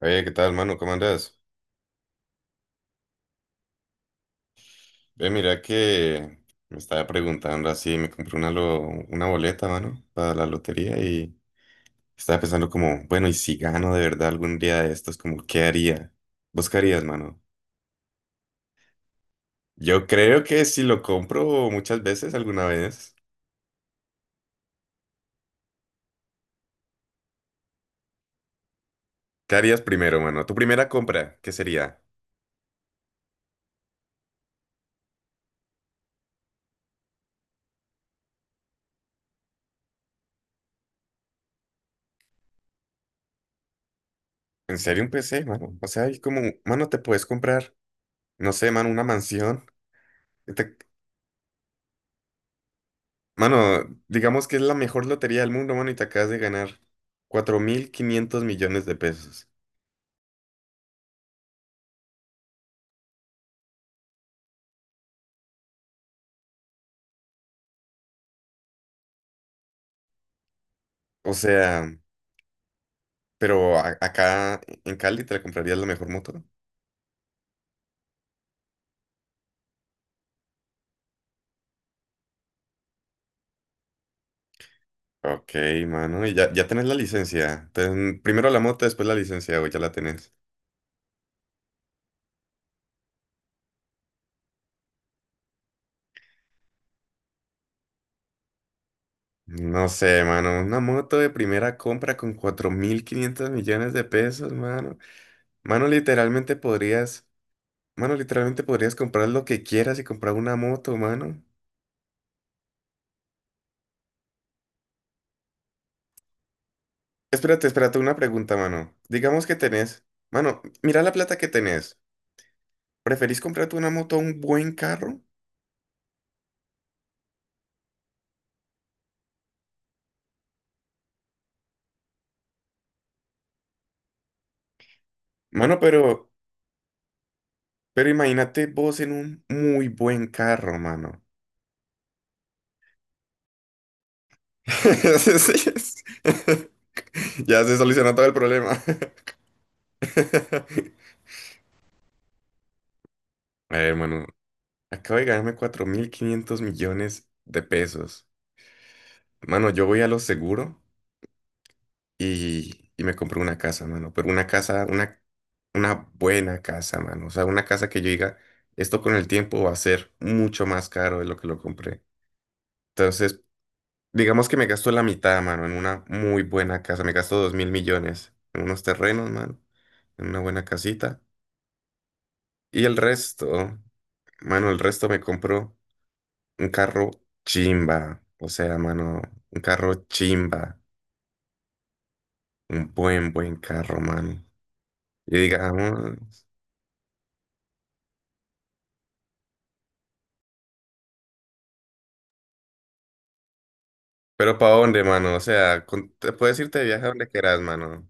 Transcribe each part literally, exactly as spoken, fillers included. Oye, ¿qué tal, mano? ¿Cómo andas? Ve, mira que me estaba preguntando así, me compré una, lo- una boleta, mano, para la lotería y estaba pensando como, bueno, ¿y si gano de verdad algún día de estos, como, qué haría? ¿Vos qué harías, mano? Yo creo que si lo compro muchas veces, alguna vez, ¿qué harías primero, mano? Tu primera compra, ¿qué sería? ¿En serio un P C, mano? O sea, hay como, mano, te puedes comprar, no sé, mano, una mansión. Mano, digamos que es la mejor lotería del mundo, mano, y te acabas de ganar cuatro mil quinientos millones de pesos. O sea, pero a- acá en Cali te la comprarías la mejor moto. Ok, mano, y ya, ya tenés la licencia. Ten- primero la moto, después la licencia, o ya la tenés. No sé, mano, una moto de primera compra con cuatro mil quinientos millones de pesos, mano. Mano, literalmente podrías, mano, literalmente podrías comprar lo que quieras y comprar una moto, mano. Espérate, espérate, una pregunta, mano. Digamos que tenés, mano, mira la plata que tenés. ¿Preferís comprarte una moto a un buen carro? Mano, pero, pero imagínate vos en un muy buen carro, mano. Sí, es- Ya se solucionó todo el problema. A ver, mano, acabo de ganarme cuatro mil quinientos millones de pesos. Mano, yo voy a lo seguro y, y me compré una casa, mano. Pero una casa, una, una buena casa, mano. O sea, una casa que yo diga, esto con el tiempo va a ser mucho más caro de lo que lo compré. Entonces, digamos que me gasto la mitad, mano, en una muy buena casa. Me gasto dos mil millones en unos terrenos, mano, en una buena casita. Y el resto, mano, el resto me compro un carro chimba. O sea, mano, un carro chimba. Un buen, buen carro, mano. Y digamos... Pero ¿para dónde, mano? O sea, con- te puedes irte de viaje a donde quieras, mano.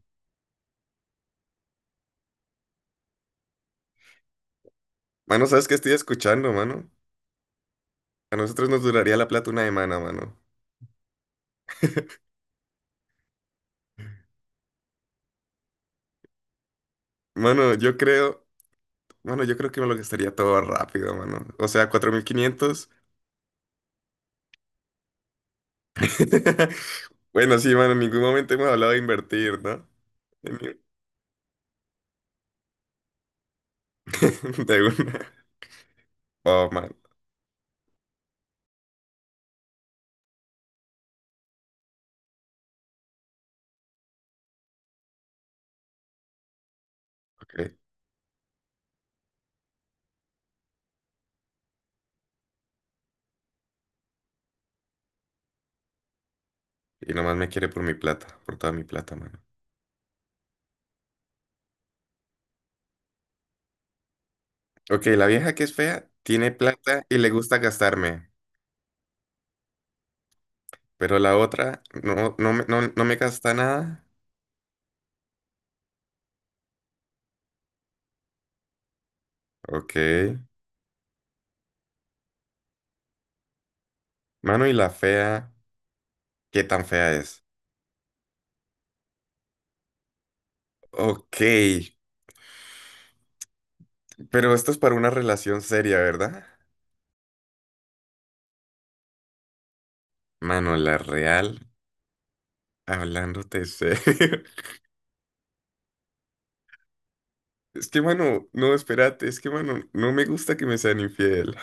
Mano, ¿sabes qué estoy escuchando, mano? A nosotros nos duraría la plata una semana, mano. Mano, yo creo, mano, yo creo que me lo gastaría todo rápido, mano. O sea, cuatro mil quinientos Bueno, sí, mano, en ningún momento hemos hablado de invertir, ¿no? De ni- De una. Oh, man, ok. Y nomás me quiere por mi plata, por toda mi plata, mano. Ok, la vieja que es fea tiene plata y le gusta gastarme. Pero la otra no, no, me- no, no me gasta nada. Ok. Mano, y la fea, ¿qué tan fea es? Ok. Pero esto es para una relación seria, ¿verdad? Mano, la real, hablándote serio. Es que, mano, no, espérate, es que, mano, no me gusta que me sean infiel.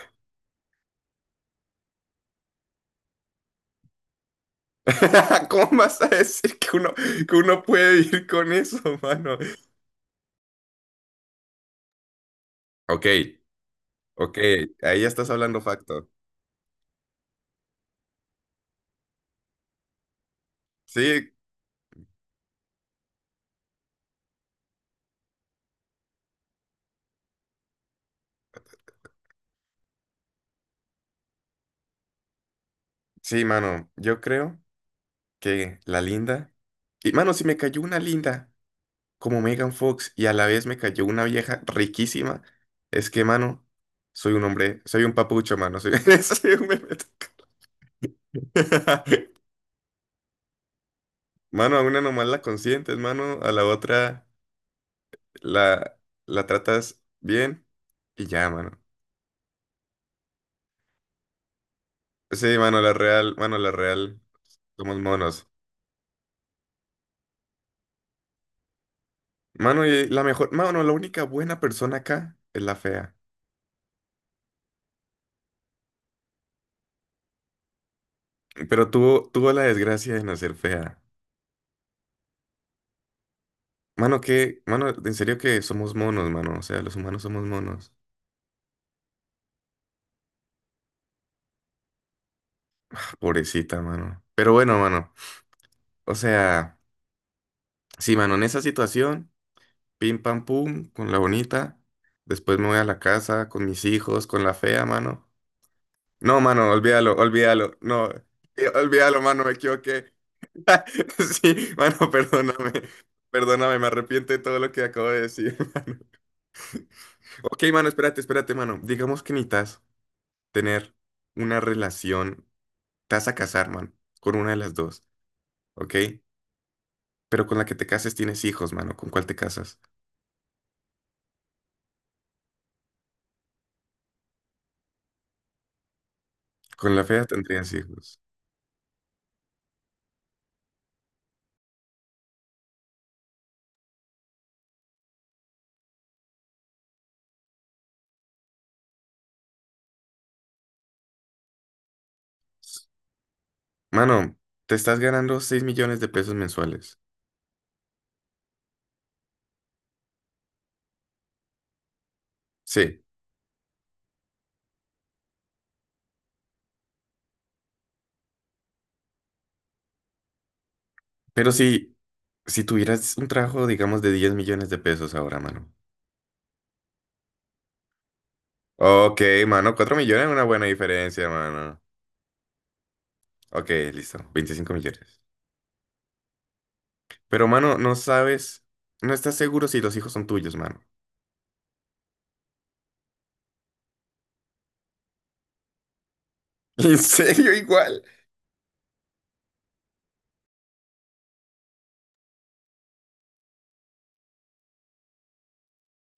¿Cómo vas a decir que uno, que uno puede vivir con eso, mano? Ok, ok, ahí ya estás hablando facto. Sí, sí, mano, yo creo que la linda. Y mano, si me cayó una linda como Megan Fox y a la vez me cayó una vieja riquísima, es que, mano, soy un hombre, soy un papucho, mano, soy, soy un bebé. Mano, a una nomás la consientes, mano, a la otra la, la tratas bien y ya, mano. Sí, mano, la real, mano, la real, somos monos. Mano, y la mejor, mano, la única buena persona acá es la fea, pero tuvo, tuvo la desgracia de nacer fea. Mano, que, mano, en serio que somos monos, mano. O sea, los humanos somos monos. Ah, pobrecita, mano. Pero bueno, mano. O sea, sí, mano, en esa situación, pim pam pum, con la bonita. Después me voy a la casa con mis hijos, con la fea, mano. No, mano, olvídalo, olvídalo. No, eh, olvídalo, mano, me equivoqué. Sí, mano, perdóname. Perdóname, me arrepiento de todo lo que acabo de decir. Ok, mano, espérate, espérate, mano. Digamos que necesitas tener una relación. Te vas a casar, mano, con una de las dos, ¿ok? Pero con la que te cases tienes hijos, mano. ¿Con cuál te casas? Con la fea tendrías hijos. Mano, te estás ganando seis millones de pesos mensuales. Sí, pero si, si tuvieras un trabajo, digamos, de diez millones de pesos ahora, mano. Ok, mano, cuatro millones es una buena diferencia, mano. Ok, listo, veinticinco millones. Pero, mano, no sabes, no estás seguro si los hijos son tuyos, mano. ¿En serio igual?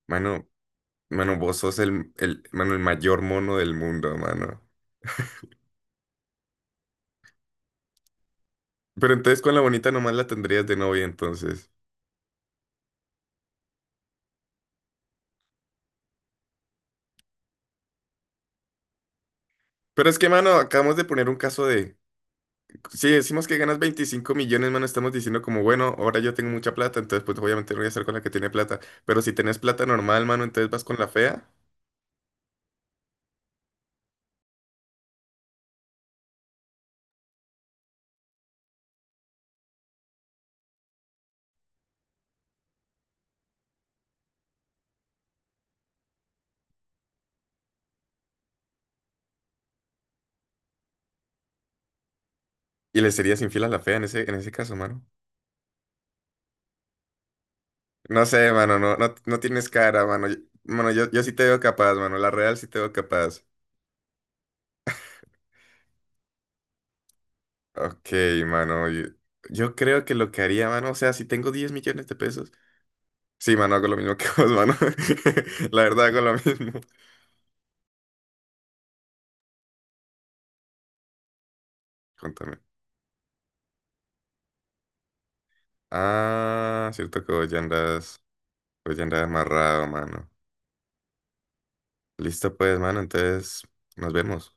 Mano, Mano, vos sos el, el, mano, el mayor mono del mundo, mano. Pero entonces con la bonita nomás la tendrías de novia, entonces. Pero es que, mano, acabamos de poner un caso de... Si decimos que ganas veinticinco millones, mano, estamos diciendo como, bueno, ahora yo tengo mucha plata, entonces pues obviamente no voy a estar con la que tiene plata. Pero si tenés plata normal, mano, entonces vas con la fea y le serías infiel a la fea en ese, en ese caso, mano. No sé, mano, no, no, no tienes cara, mano. Yo- Mano, yo, yo sí te veo capaz, mano. La real sí te veo capaz. Ok, mano, yo, yo creo que lo que haría, mano, o sea, si tengo diez millones de pesos, sí, mano, hago lo mismo que vos, mano. La verdad, hago lo mismo. Contame. Ah, cierto que vos ya andas, vos ya andas amarrado, mano. Listo, pues, mano, entonces nos vemos.